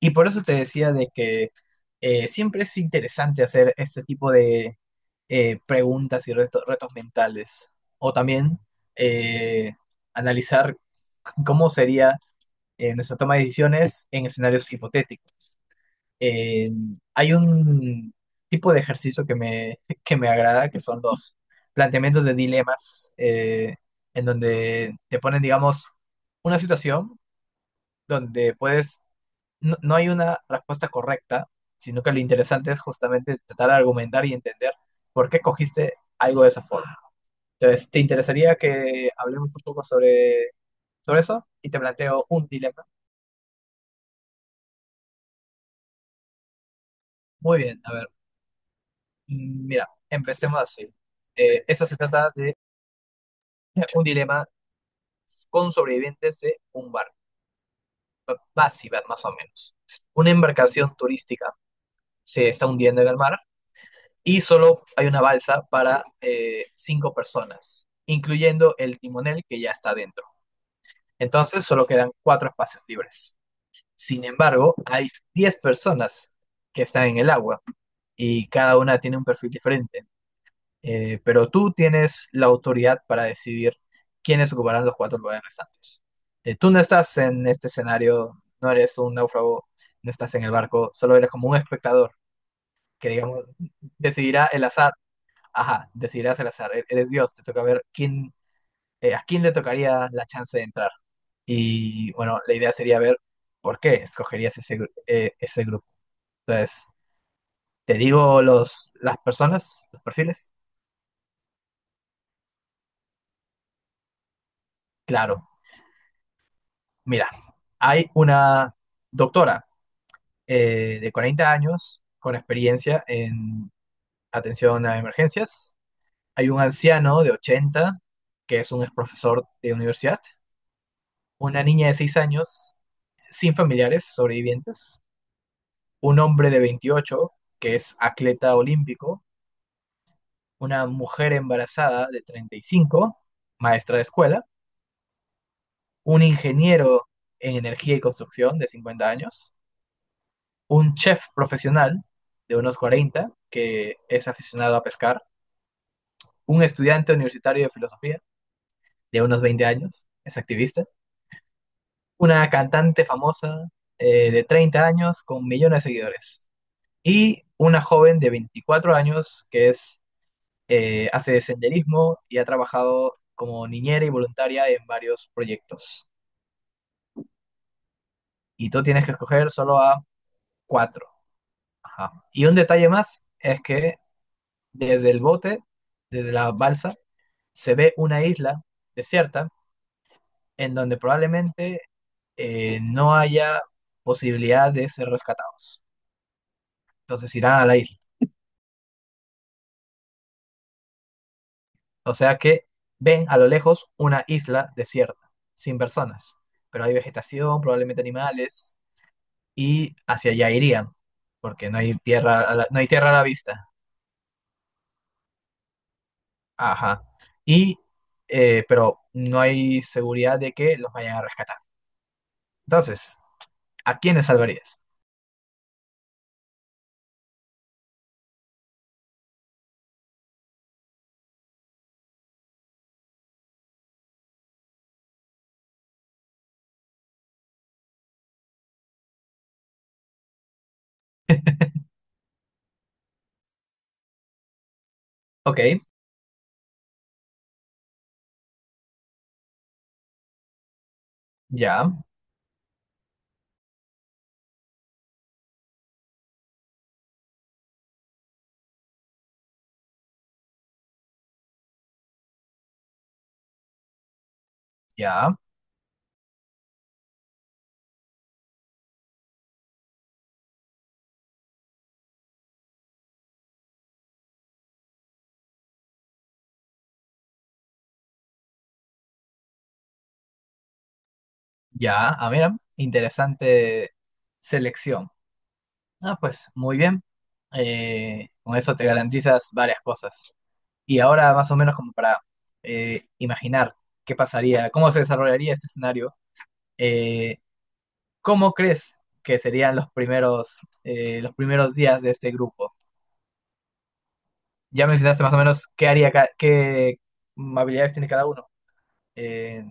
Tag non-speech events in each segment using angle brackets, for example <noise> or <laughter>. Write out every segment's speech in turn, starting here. Y por eso te decía de que siempre es interesante hacer este tipo de preguntas y retos mentales. O también eh, analizar cómo sería nuestra toma de decisiones en escenarios hipotéticos. Eh, Hay un tipo de ejercicio <laughs> que me agrada, que son los planteamientos de dilemas, en donde te ponen, digamos, una situación donde puedes no, no hay una respuesta correcta, sino que lo interesante es justamente tratar de argumentar y entender por qué cogiste algo de esa forma. Entonces, ¿te interesaría que hablemos un poco sobre eso? Y te planteo un dilema. Muy bien, a ver, mira, empecemos así. Esto se trata de un dilema con sobrevivientes de un barco, va- así, va, más o menos. Una embarcación turística se está hundiendo en el mar y solo hay una balsa para cinco personas, incluyendo el timonel que ya está dentro. Entonces solo quedan cuatro espacios libres. Sin embargo, hay 10 personas que están en el agua y cada una tiene un perfil diferente. Pero tú tienes la autoridad para decidir quiénes ocuparán los cuatro lugares restantes. Tú no estás en este escenario, no eres un náufrago, no estás en el barco, solo eres como un espectador que, digamos, decidirá el azar. Ajá, decidirás al azar. Eres Dios, te toca ver quién, a quién le tocaría la chance de entrar. Y bueno, la idea sería ver por qué escogerías ese grupo. Entonces, ¿te digo los, las personas, los perfiles? Claro, mira, hay una doctora de 40 años con experiencia en atención a emergencias. Hay un anciano de 80 que es un ex profesor de universidad. Una niña de 6 años sin familiares sobrevivientes, un hombre de 28 que es atleta olímpico, una mujer embarazada de 35, maestra de escuela, un ingeniero en energía y construcción de 50 años, un chef profesional de unos 40 que es aficionado a pescar, un estudiante universitario de filosofía de unos 20 años, es activista, una cantante famosa de 30 años con millones de seguidores y una joven de 24 años que es hace senderismo y ha trabajado como niñera y voluntaria en varios proyectos. Y tú tienes que escoger solo a cuatro. Ajá. Y un detalle más es que desde el bote, desde la balsa, se ve una isla desierta en donde probablemente no haya posibilidad de ser rescatados. Entonces irán a la isla. O sea que ven a lo lejos una isla desierta, sin personas, pero hay vegetación, probablemente animales, y hacia allá irían, porque no hay tierra, no hay tierra a la vista. Ajá. Y, pero no hay seguridad de que los vayan a rescatar. Entonces, ¿a quiénes salvarías? Ok, ya, ya, ya. Ah, mira, interesante selección. Ah, pues, muy bien. Con eso te garantizas varias cosas. Y ahora, más o menos, como para imaginar qué pasaría, cómo se desarrollaría este escenario. eh, ¿Cómo crees que serían los primeros días de este grupo? Ya mencionaste más o menos qué haría, qué habilidades tiene cada uno. Eh,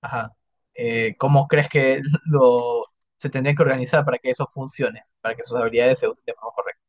ajá. ¿Cómo crees que <laughs> lo se tendrían que organizar para que eso funcione, para que sus habilidades se usen de forma correcta?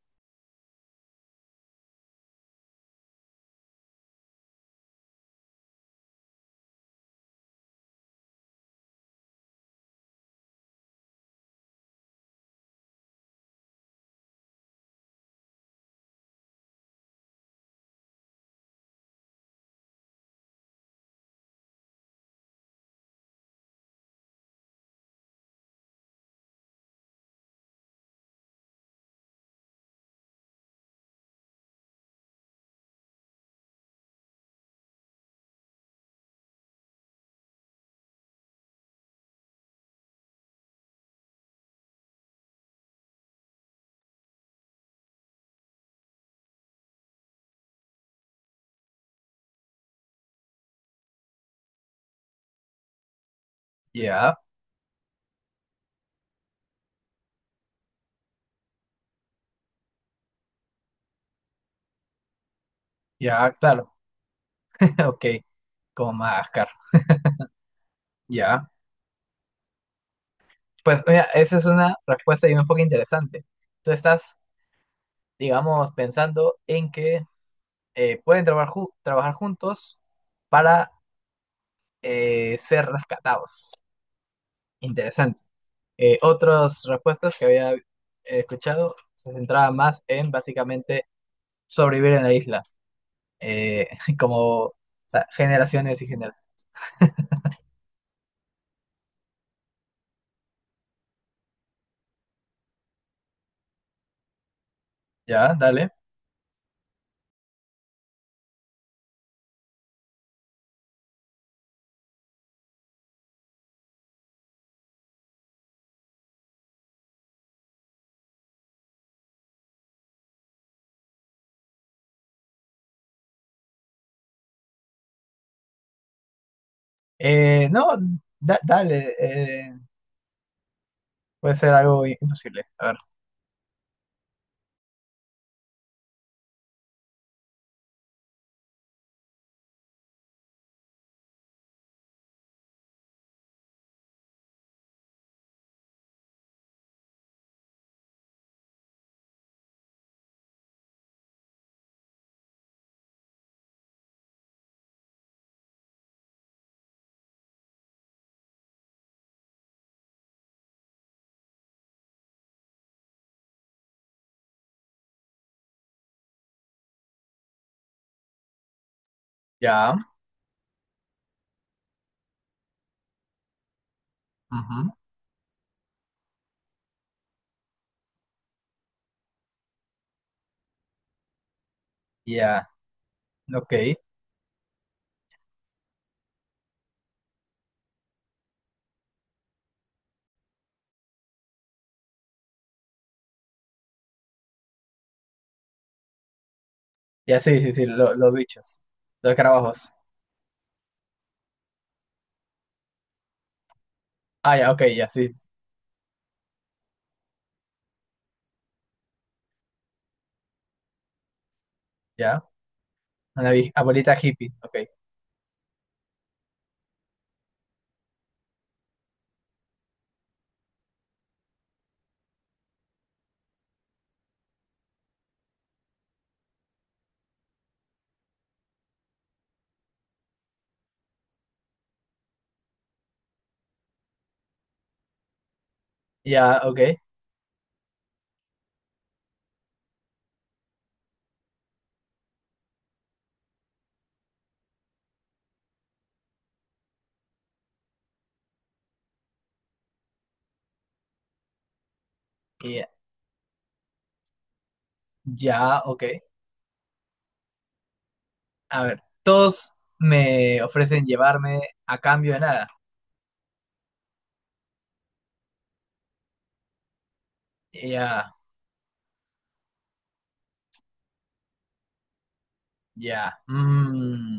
Ya, ya, claro. <laughs> Ok, como Madagascar. Ya. Pues mira, esa es una respuesta y un enfoque interesante. Tú estás, digamos, pensando en que pueden trabajar juntos para ser rescatados. Interesante. Otras respuestas que había escuchado se centraban más en básicamente sobrevivir en la isla, eh, <laughs> como o sea, generaciones y generaciones. Ya, dale. No, dale, puede ser algo imposible. A ver, ya, ujú, ya, ok. Ya, sí, sí, sí, los bichos, los escarabajos. Ah, ya, ok, ya, sí, sí, ya. Una abuelita hippie, ok. Ya, ok, ya, ya, ok. A ver, todos me ofrecen llevarme a cambio de nada. Ya, ya,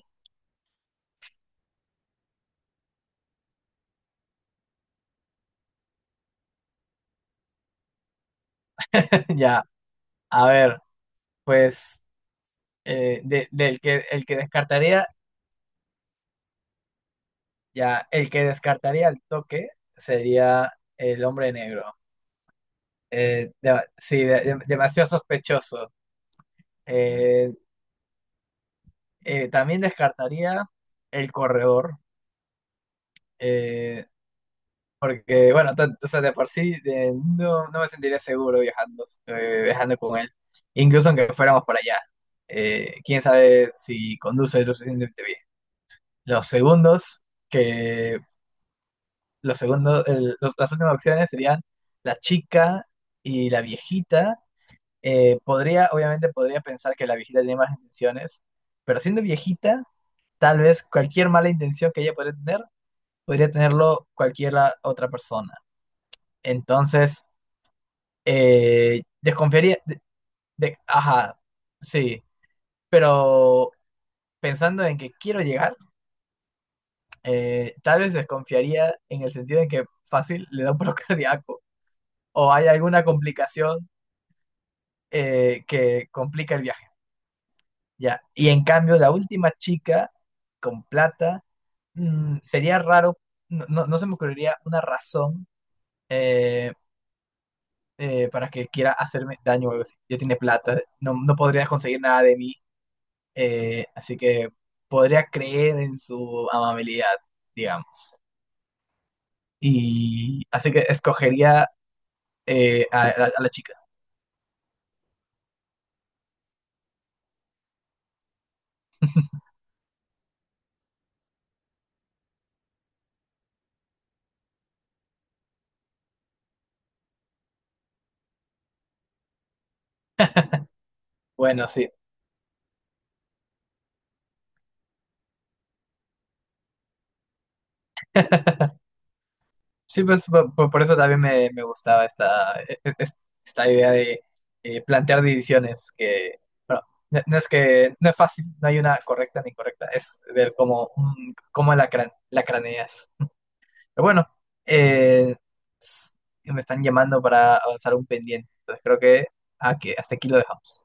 <laughs> ya. A ver, pues de- del que el que descartaría, ya, el que descartaría al toque sería el hombre negro. Sí, demasiado sospechoso. Eh, También descartaría el corredor. Eh, Porque, bueno, o sea, de por sí no, no me sentiría seguro viajando con él, incluso aunque fuéramos por allá. Quién sabe si conduce lo suficientemente bien. Los segundos, que los segundos, el- los- las últimas opciones serían la chica y la viejita. Podría, obviamente, podría pensar que la viejita tiene más intenciones, pero siendo viejita, tal vez cualquier mala intención que ella podría tener, podría tenerlo cualquier otra persona. Entonces, desconfiaría, ajá, sí, pero pensando en que quiero llegar, tal vez desconfiaría en el sentido en que fácil le da un paro <laughs> cardíaco o hay alguna complicación que complica el viaje, ya. Y en cambio, la última chica con plata, sería raro, no, no, no se me ocurriría una razón eh, para que quiera hacerme daño o algo así. Ya tiene plata, no, no podrías conseguir nada de mí. Así que podría creer en su amabilidad, digamos. Y así que escogería a la chica. Bueno, sí. Sí, pues por, eso también me gustaba esta, e- e- es- esta idea de plantear divisiones que, bueno, no, no es que no es fácil, no hay una correcta ni incorrecta, es ver cómo la craneas. Pero bueno, eh, s- me están llamando para avanzar un pendiente. Entonces creo que hasta aquí lo dejamos.